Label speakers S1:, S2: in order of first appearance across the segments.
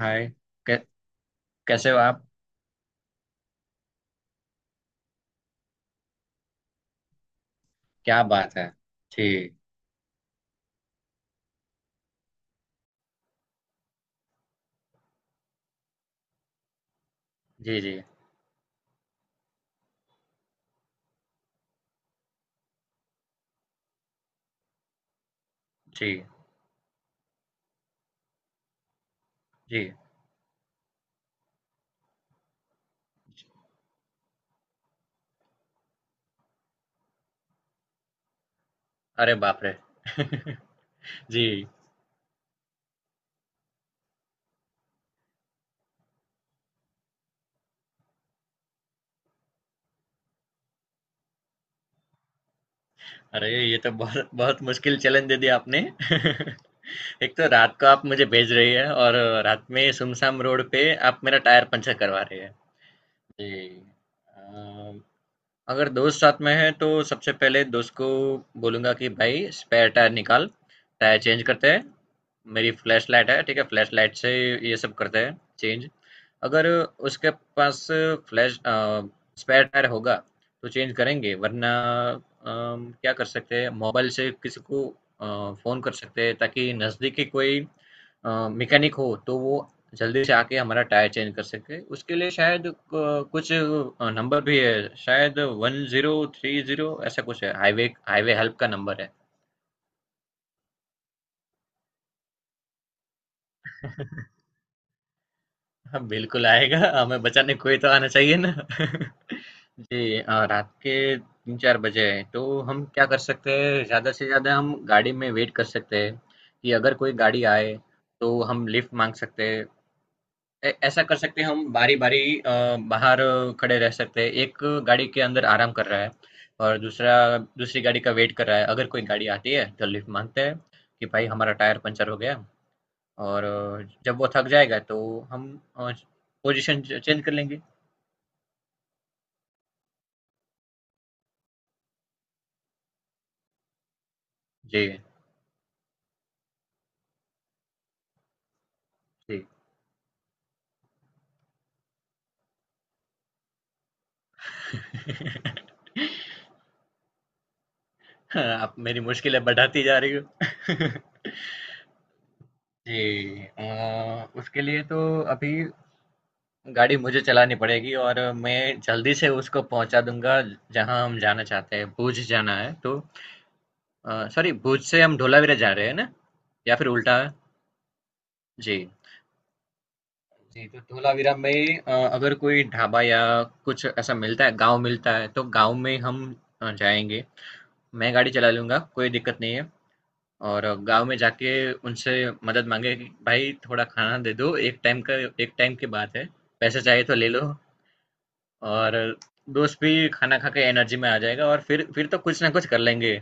S1: हाय। कै, कैसे हो आप। क्या बात है। जी। जी। जी। जी। जी। अरे बाप रे। जी। अरे, ये तो बहुत बहुत मुश्किल चैलेंज दे दिया आपने। एक तो रात को आप मुझे भेज रही है और रात में सुमसाम रोड पे आप मेरा टायर पंचर करवा रही है। जी। अम, अगर दोस्त साथ में है तो सबसे पहले दोस्त को बोलूंगा कि भाई स्पेयर टायर निकाल। टायर चेंज करते हैं। मेरी फ्लैश लाइट है, ठीक है, फ्लैश लाइट से ये सब करते हैं चेंज। अगर उसके पास फ्लैश स्पेयर टायर होगा तो चेंज करेंगे, वरना क्या कर सकते हैं, मोबाइल से किसी को फ़ोन कर सकते हैं ताकि नज़दीकी कोई मैकेनिक हो तो वो जल्दी से आके हमारा टायर चेंज कर सके। उसके लिए शायद कुछ नंबर भी है शायद, 1030, ऐसा कुछ है, हाईवे हाईवे हेल्प का नंबर है। हाँ, बिल्कुल आएगा, हमें बचाने कोई तो आना चाहिए ना। जी। रात के तीन चार बजे हैं, तो हम क्या कर सकते हैं, ज्यादा से ज्यादा हम गाड़ी में वेट कर सकते हैं कि अगर कोई गाड़ी आए तो हम लिफ्ट मांग सकते हैं। ऐसा कर सकते हैं, हम बारी बारी बाहर खड़े रह सकते हैं, एक गाड़ी के अंदर आराम कर रहा है और दूसरा दूसरी गाड़ी का वेट कर रहा है, अगर कोई गाड़ी आती है तो लिफ्ट मांगते हैं कि भाई हमारा टायर पंचर हो गया। और जब वो थक जाएगा तो हम अ, पोजीशन चेंज कर लेंगे। जी। जी। आप मेरी मुश्किलें बढ़ाती जा रही हो। जी। अ, उसके लिए तो अभी गाड़ी मुझे चलानी पड़ेगी और मैं जल्दी से उसको पहुंचा दूंगा जहां हम जाना चाहते हैं। भुज जाना है तो सॉरी, भुज से हम धोलावीरा जा रहे हैं ना, या फिर उल्टा है? जी। जी, तो धोलावीरा में अगर कोई ढाबा या कुछ ऐसा मिलता है, गाँव मिलता है, तो गाँव में हम जाएँगे। मैं गाड़ी चला लूँगा, कोई दिक्कत नहीं है, और गाँव में जाके उनसे मदद माँगे कि भाई थोड़ा खाना दे दो, एक टाइम का, एक टाइम की बात है, पैसे चाहिए तो ले लो। और दोस्त भी खाना खा के एनर्जी में आ जाएगा, और फिर तो कुछ ना कुछ कर लेंगे।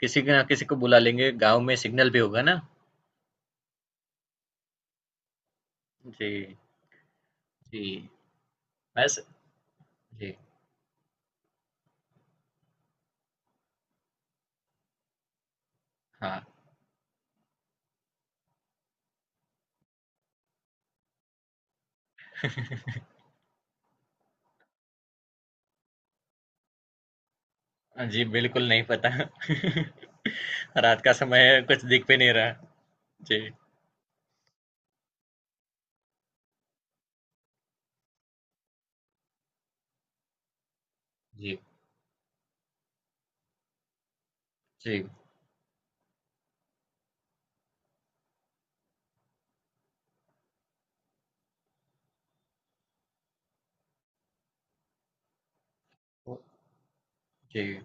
S1: किसी के ना किसी को बुला लेंगे, गाँव में सिग्नल भी होगा ना। जी। जी। बस। जी। हाँ। हाँ जी, बिल्कुल नहीं पता। रात का समय है, कुछ दिख भी नहीं रहा। जी। जी। जी। जी।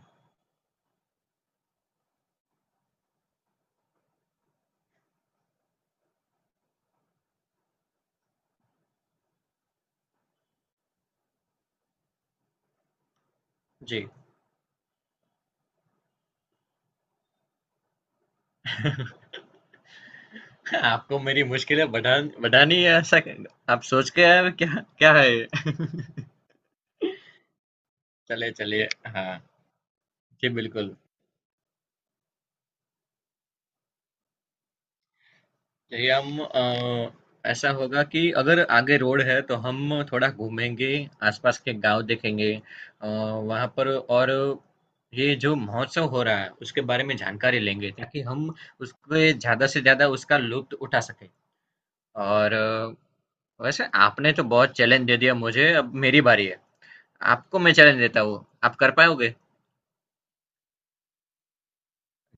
S1: जी। आपको मेरी मुश्किलें बढ़ानी है, ऐसा आप सोच के आए हो क्या? क्या है ये? चलिए, चलिए। हाँ, जी बिल्कुल। ये हम ऐसा होगा कि अगर आगे रोड है तो हम थोड़ा घूमेंगे, आसपास के गांव देखेंगे वहाँ पर। और ये जो महोत्सव हो रहा है उसके बारे में जानकारी लेंगे ताकि हम उसके ज़्यादा से ज़्यादा उसका लुत्फ उठा सके। और वैसे आपने तो बहुत चैलेंज दे दिया मुझे, अब मेरी बारी है, आपको मैं चैलेंज देता हूँ, आप कर पाओगे।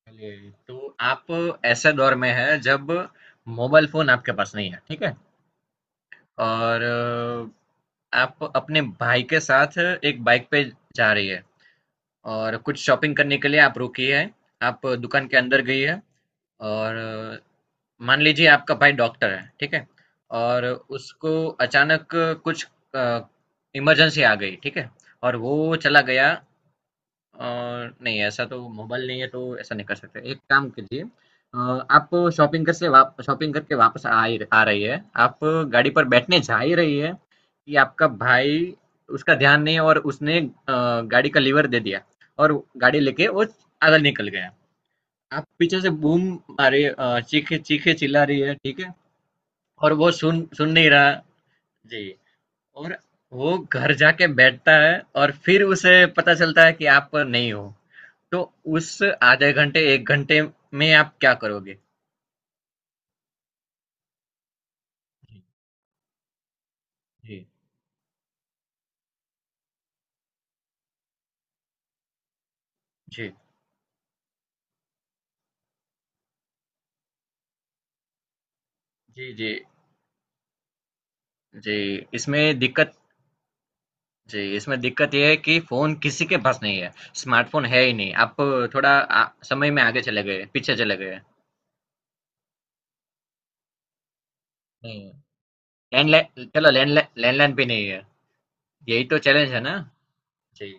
S1: चलिए, तो आप ऐसे दौर में है जब मोबाइल फोन आपके पास नहीं है, ठीक है। और आप अपने भाई के साथ एक बाइक पे जा रही है और कुछ शॉपिंग करने के लिए आप रुकी है, आप दुकान के अंदर गई है। और मान लीजिए आपका भाई डॉक्टर है, ठीक है, और उसको अचानक कुछ इमरजेंसी आ गई, ठीक है, और वो चला गया। अ, नहीं, ऐसा तो मोबाइल नहीं है तो ऐसा नहीं कर सकते। एक काम कीजिए, अ, आप शॉपिंग करके वापस आ रही है, आप गाड़ी पर बैठने जा ही रही है कि आपका भाई, उसका ध्यान नहीं है, और उसने गाड़ी का लीवर दे दिया और गाड़ी लेके वो आगे निकल गया। आप पीछे से बूम मारे, चीखे चीखे चिल्ला रही है, ठीक है, और वो सुन सुन नहीं रहा। जी। और वो घर जाके बैठता है और फिर उसे पता चलता है कि आप नहीं हो, तो उस आधे घंटे, 1 घंटे में आप क्या करोगे? जी। जी। जी। जी। जी। जी, इसमें दिक्कत जी, इसमें दिक्कत ये है कि फ़ोन किसी के पास नहीं है, स्मार्टफ़ोन है ही नहीं। आप थोड़ा समय में आगे चले गए, पीछे चले गए। नहीं है। लैंडलाइन चलो, लैंडलाइन लैंडलाइन भी नहीं है, यही तो चैलेंज है ना? जी।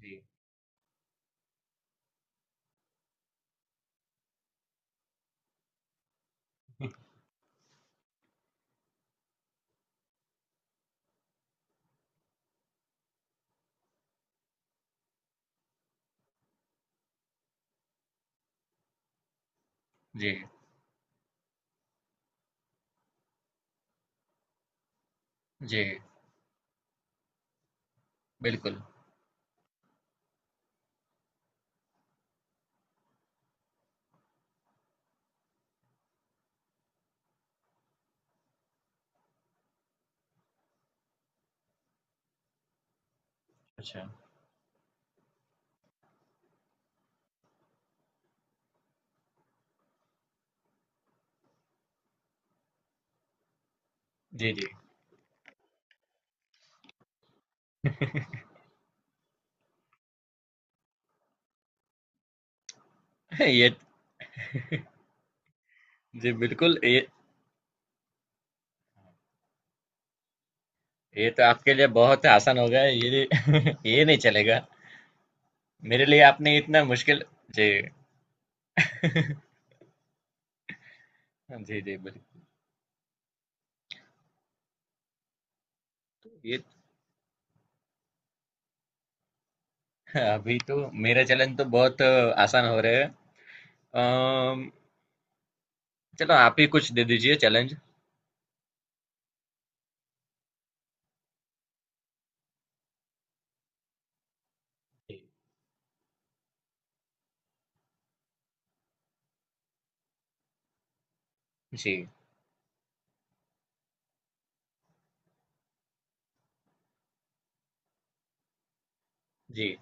S1: जी। जी। जी। बिल्कुल। अच्छा। जी। जी। ये जी, बिल्कुल। ये तो आपके लिए बहुत आसान हो गया है, ये ये नहीं चलेगा। मेरे लिए आपने इतना मुश्किल। जी। जी। जी बिल्कुल। तो ये, अभी तो मेरे चैलेंज तो बहुत आसान हो रहे हैं। अम, चलो आप ही कुछ दे दीजिए चैलेंज। जी। जी।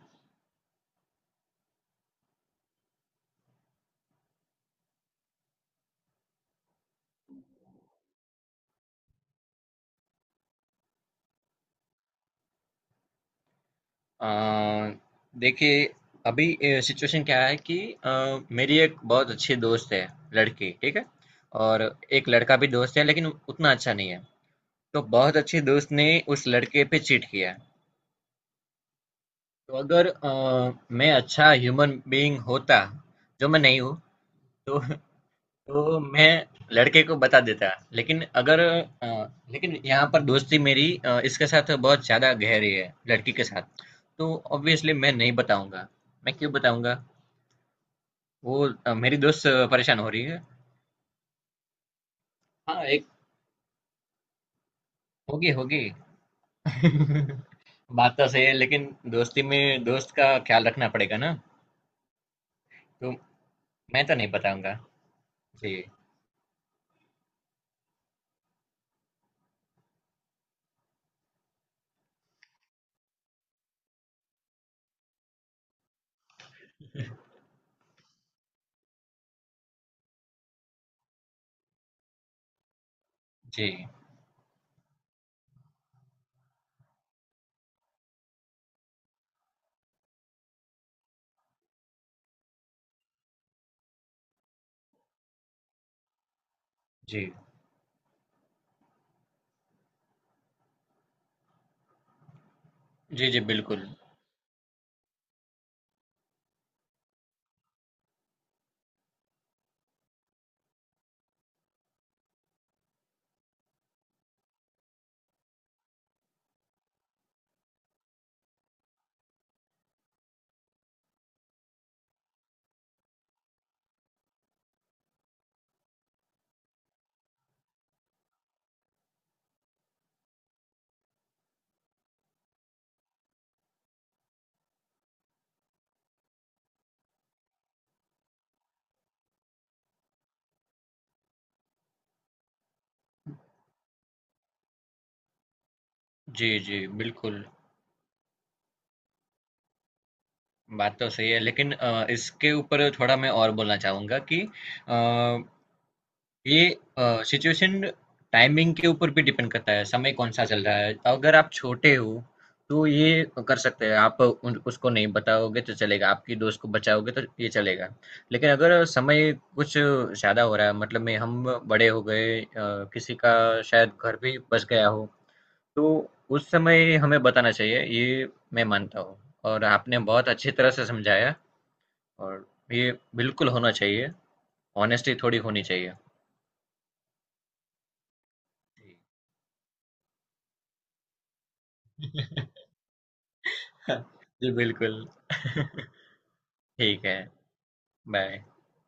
S1: अ, देखिए, अभी सिचुएशन क्या है कि अ, मेरी एक बहुत अच्छी दोस्त है, लड़की, ठीक है, और एक लड़का भी दोस्त है लेकिन उतना अच्छा नहीं है। तो बहुत अच्छी दोस्त ने उस लड़के पे चीट किया। तो अगर मैं अच्छा ह्यूमन बीइंग होता, जो मैं नहीं हूँ, तो तो मैं लड़के को बता देता। लेकिन अगर अ, लेकिन यहाँ पर दोस्ती मेरी इसके साथ बहुत ज्यादा गहरी है, लड़की के साथ। तो ऑब्वियसली मैं नहीं बताऊंगा, मैं क्यों बताऊंगा। वो मेरी दोस्त परेशान हो रही है। हाँ, एक होगी होगी। बात तो सही है लेकिन दोस्ती में दोस्त का ख्याल रखना पड़ेगा ना। तो मैं तो नहीं बताऊंगा। जी। जी। जी। जी। जी बिल्कुल। जी। जी बिल्कुल, बात तो सही है, लेकिन इसके ऊपर थोड़ा मैं और बोलना चाहूँगा कि अ, ये सिचुएशन टाइमिंग के ऊपर भी डिपेंड करता है, समय कौन सा चल रहा है। तो अगर आप छोटे हो तो ये कर सकते हैं, आप उसको नहीं बताओगे तो चलेगा, आपकी दोस्त को बचाओगे तो ये चलेगा। लेकिन अगर समय कुछ ज़्यादा हो रहा है, मतलब में हम बड़े हो गए, किसी का शायद घर भी बस गया हो, तो उस समय हमें बताना चाहिए, ये मैं मानता हूँ। और आपने बहुत अच्छी तरह से समझाया, और ये बिल्कुल होना चाहिए, ऑनेस्टी थोड़ी होनी चाहिए। जी। जी बिल्कुल। ठीक है, बाय।